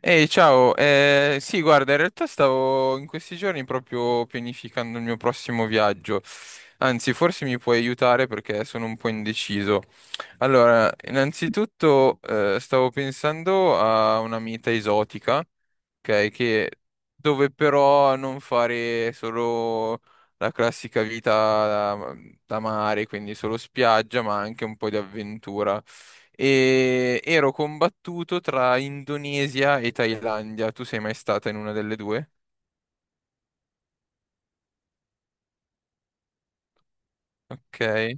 Ehi, ciao. Sì, guarda, in realtà stavo in questi giorni proprio pianificando il mio prossimo viaggio. Anzi, forse mi puoi aiutare perché sono un po' indeciso. Allora, innanzitutto stavo pensando a una meta esotica, ok, che dove però non fare solo la classica vita da, da mare, quindi solo spiaggia, ma anche un po' di avventura. E ero combattuto tra Indonesia e Thailandia. Tu sei mai stata in una delle due? Ok.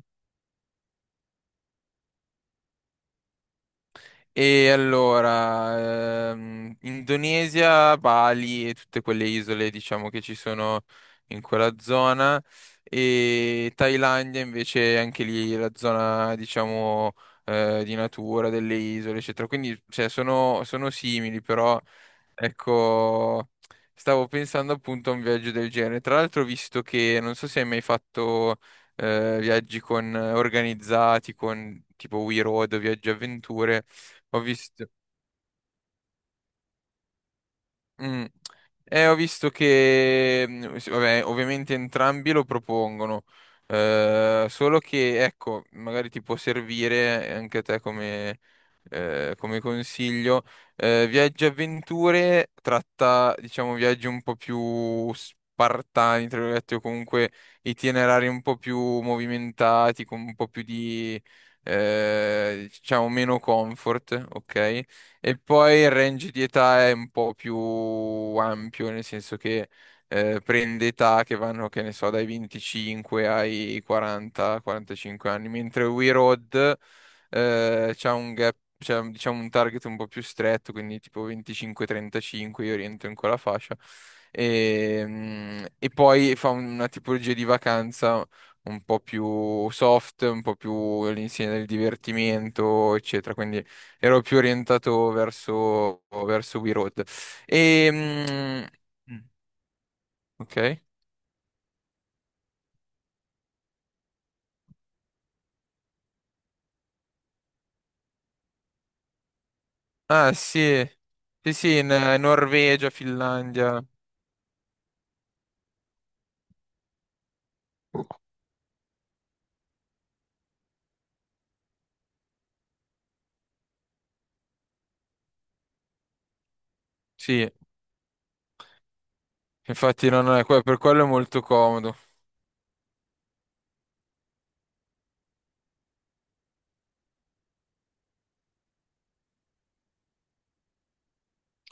E allora, Indonesia, Bali e tutte quelle isole, diciamo, che ci sono in quella zona. E Thailandia invece anche lì la zona, diciamo, di natura, delle isole, eccetera. Quindi, cioè, sono simili, però, ecco, stavo pensando appunto a un viaggio del genere. Tra l'altro, ho visto che, non so se hai mai fatto, viaggi con, organizzati, con tipo We Road o Viaggi Avventure. Ho visto, mm, Ho visto che, sì, vabbè, ovviamente entrambi lo propongono, solo che, ecco, magari ti può servire anche a te come, come consiglio. Viaggi e Avventure tratta, diciamo, viaggi un po' più spartani, tra virgolette, o comunque itinerari un po' più movimentati, con un po' più di, diciamo, meno comfort, ok? E poi il range di età è un po' più ampio, nel senso che prende età che vanno, che ne so, dai 25 ai 40-45 anni, mentre Wii Road c'ha un gap, c'ha, diciamo un target un po' più stretto, quindi tipo 25-35, io rientro in quella fascia. E, mm, e poi fa una tipologia di vacanza un po' più soft, un po' più all'insieme del divertimento, eccetera. Quindi ero più orientato verso, verso We Road. E, mm, ok. Ah, sì. Sì, sì, in Norvegia, Finlandia. Sì, infatti non è, per quello è molto comodo.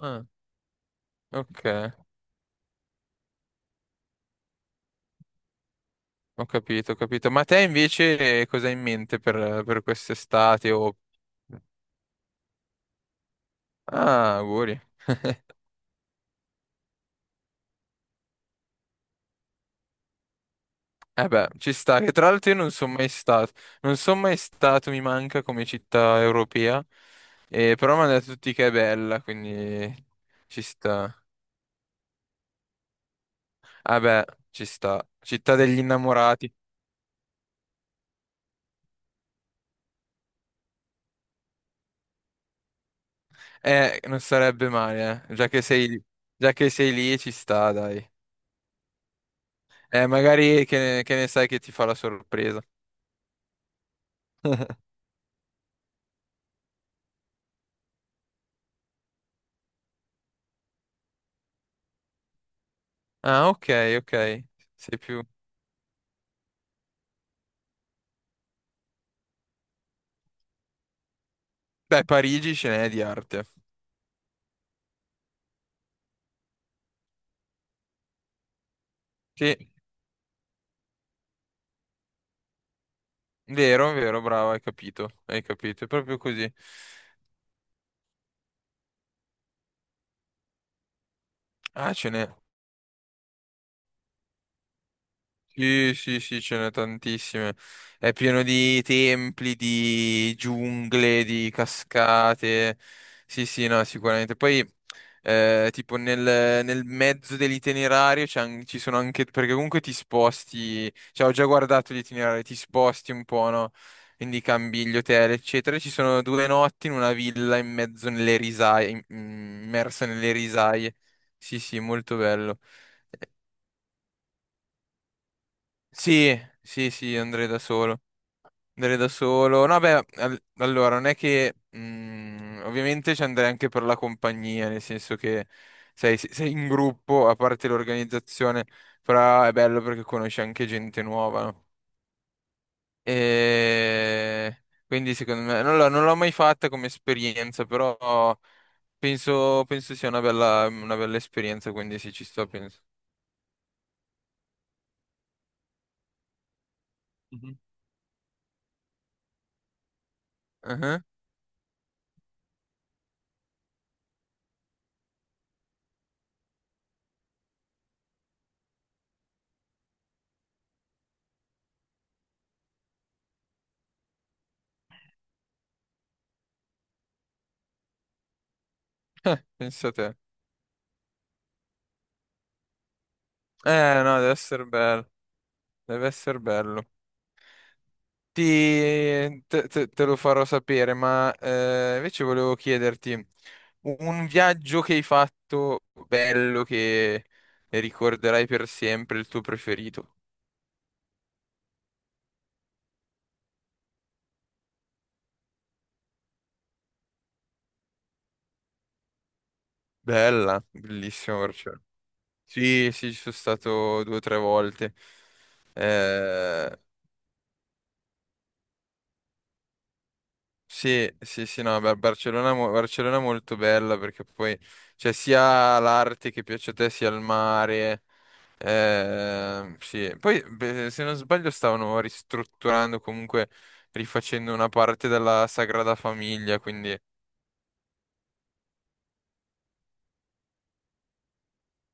Ah, ok, ho capito, ho capito. Ma te invece cosa hai in mente per quest'estate? O- Ah, auguri. Eh beh, ci sta, che tra l'altro io non sono mai stato, non sono mai stato, mi manca come città europea, però mi hanno detto tutti che è bella, quindi ci sta. Ah beh, ci sta, città degli innamorati, non sarebbe male, già che sei lì ci sta, dai. Magari che ne sai che ti fa la sorpresa. Ah, ok, ok, sei più... Beh, Parigi ce n'è di arte. Sì, vero, vero, bravo, hai capito, è proprio così. Ah, ce n'è. Sì, sì, sì, ce n'è tantissime. È pieno di templi, di giungle, di cascate. Sì, sì, no, sicuramente. Poi, tipo, nel mezzo dell'itinerario ci sono anche... Perché comunque ti sposti... Cioè, ho già guardato l'itinerario, ti sposti un po', no? Quindi cambi gli hotel, eccetera. Ci sono due notti in una villa in mezzo nelle risaie, immersa nelle risaie. Sì, sì, molto bello. Sì, sì, sì, andrei da solo. Andrei da solo. No, beh, allora, non è che... ovviamente ci andrei anche per la compagnia, nel senso che sei in gruppo, a parte l'organizzazione, però è bello perché conosci anche gente nuova, no? E... Quindi secondo me... non l'ho mai fatta come esperienza, però penso sia una una bella esperienza, quindi sì, ci sto, penso. Mhm. Ah, ah. Pensa a te. No, deve essere bello. Deve essere bello. Ti, te lo farò sapere, ma invece volevo chiederti un viaggio che hai fatto bello che ricorderai per sempre, il tuo preferito. Bella, bellissimo Barcellona. Sì, sì, ci sono stato due o tre volte. Eh, Sì, sì, sì, no, Barcellona, Barcellona è molto bella perché poi c'è sia l'arte che piace a te, sia il mare. Sì. Poi, beh, se non sbaglio, stavano ristrutturando, comunque rifacendo una parte della Sagrada Famiglia, quindi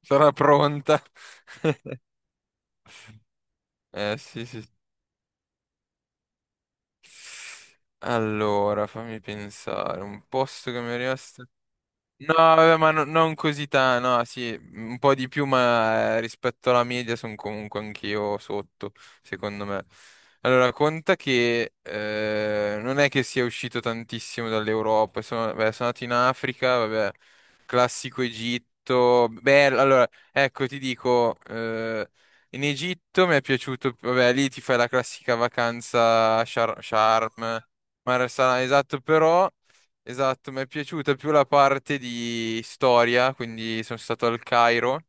sarà pronta. Sì, sì. sì. Allora, fammi pensare, un posto che mi è rimasto... No, vabbè, non così tanto, no, sì, un po' di più, ma rispetto alla media sono comunque anch'io sotto, secondo me. Allora, conta che non è che sia uscito tantissimo dall'Europa, sono, beh, sono andato in Africa, vabbè, classico Egitto, bello, allora, ecco, ti dico, in Egitto mi è piaciuto, vabbè, lì ti fai la classica vacanza a Sharm, Mar Salam, esatto, però... Esatto, mi è piaciuta più la parte di storia, quindi sono stato al Cairo,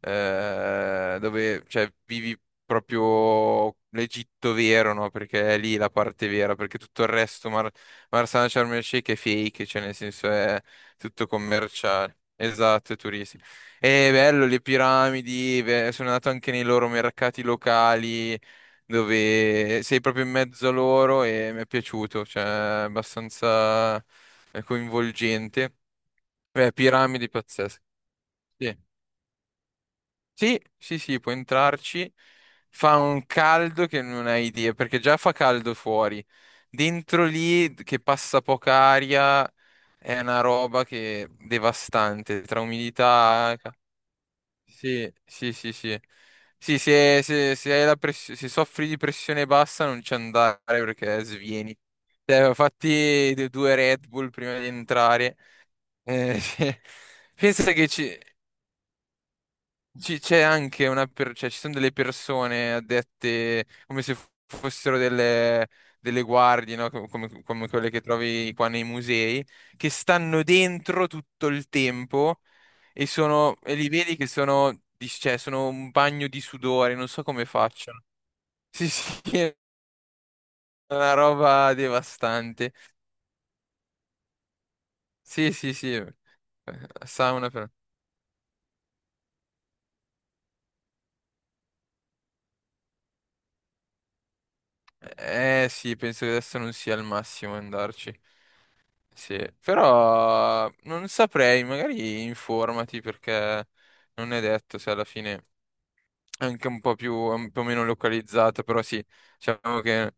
dove cioè, vivi proprio l'Egitto vero, no? Perché è lì la parte vera, perché tutto il resto, Marsala Sharm el Sheikh è fake, cioè nel senso è tutto commerciale. Esatto, è turistico. È bello, le piramidi, beh, sono andato anche nei loro mercati locali, dove sei proprio in mezzo a loro e mi è piaciuto, cioè è abbastanza coinvolgente. Beh, piramidi pazzesche. Sì, sì, sì, sì, puoi entrarci. Fa un caldo che non hai idea, perché già fa caldo fuori. Dentro lì, che passa poca aria, è una roba che devastante, tra umidità... Sì, sì, sì, sì. Sì, se hai la se soffri di pressione bassa non ci andare perché svieni. Cioè, fatti due Red Bull prima di entrare. Sì. Pensa che ci- ci- c'è anche cioè, ci sono delle persone addette come se fossero delle guardie, no? Come quelle che trovi qua nei musei, che stanno dentro tutto il tempo e sono, e li vedi che sono, cioè, sono un bagno di sudore, non so come facciano. Sì, sì, è una roba devastante. Sì, sì, sì. Sauna però. Eh sì, penso che adesso non sia il massimo andarci. Sì, però non saprei, magari informati perché non è detto se alla fine... anche un po' più, un po' meno localizzata, però sì, diciamo che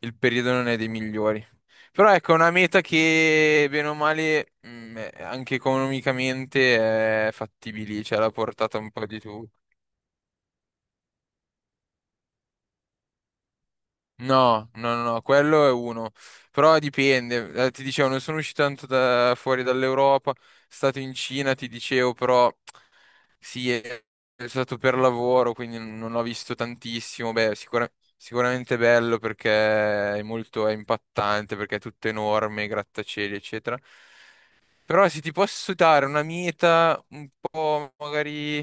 il periodo non è dei migliori. Però ecco, è una meta che, bene o male, è- anche economicamente è fattibile, cioè alla portata un po' di tutti. No, no, no, no, quello è uno. Però dipende. Ti dicevo, non sono uscito tanto fuori dall'Europa. Stato in Cina, ti dicevo, però sì, è stato per lavoro, quindi non ho visto tantissimo. Beh, sicuramente è bello perché è molto, è impattante, perché è tutto enorme, grattacieli, eccetera. Però se ti posso dare una meta un po' magari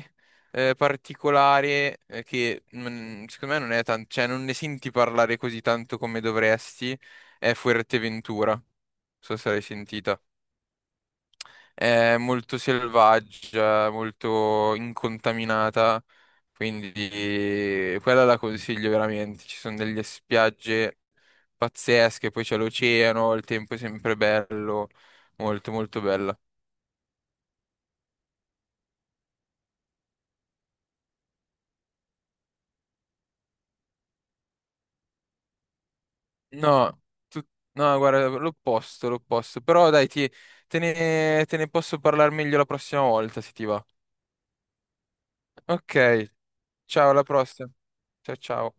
particolare, che secondo me non è tanto, cioè non ne senti parlare così tanto come dovresti, è Fuerteventura. Non so se l'hai sentita. È molto selvaggia, molto incontaminata, quindi quella la consiglio veramente. Ci sono delle spiagge pazzesche, poi c'è l'oceano, il tempo è sempre bello, molto molto bella. No, tu- no, guarda, l'opposto, l'opposto. Però dai, te ne posso parlare meglio la prossima volta, se ti va. Ok, ciao, alla prossima. Ciao, ciao.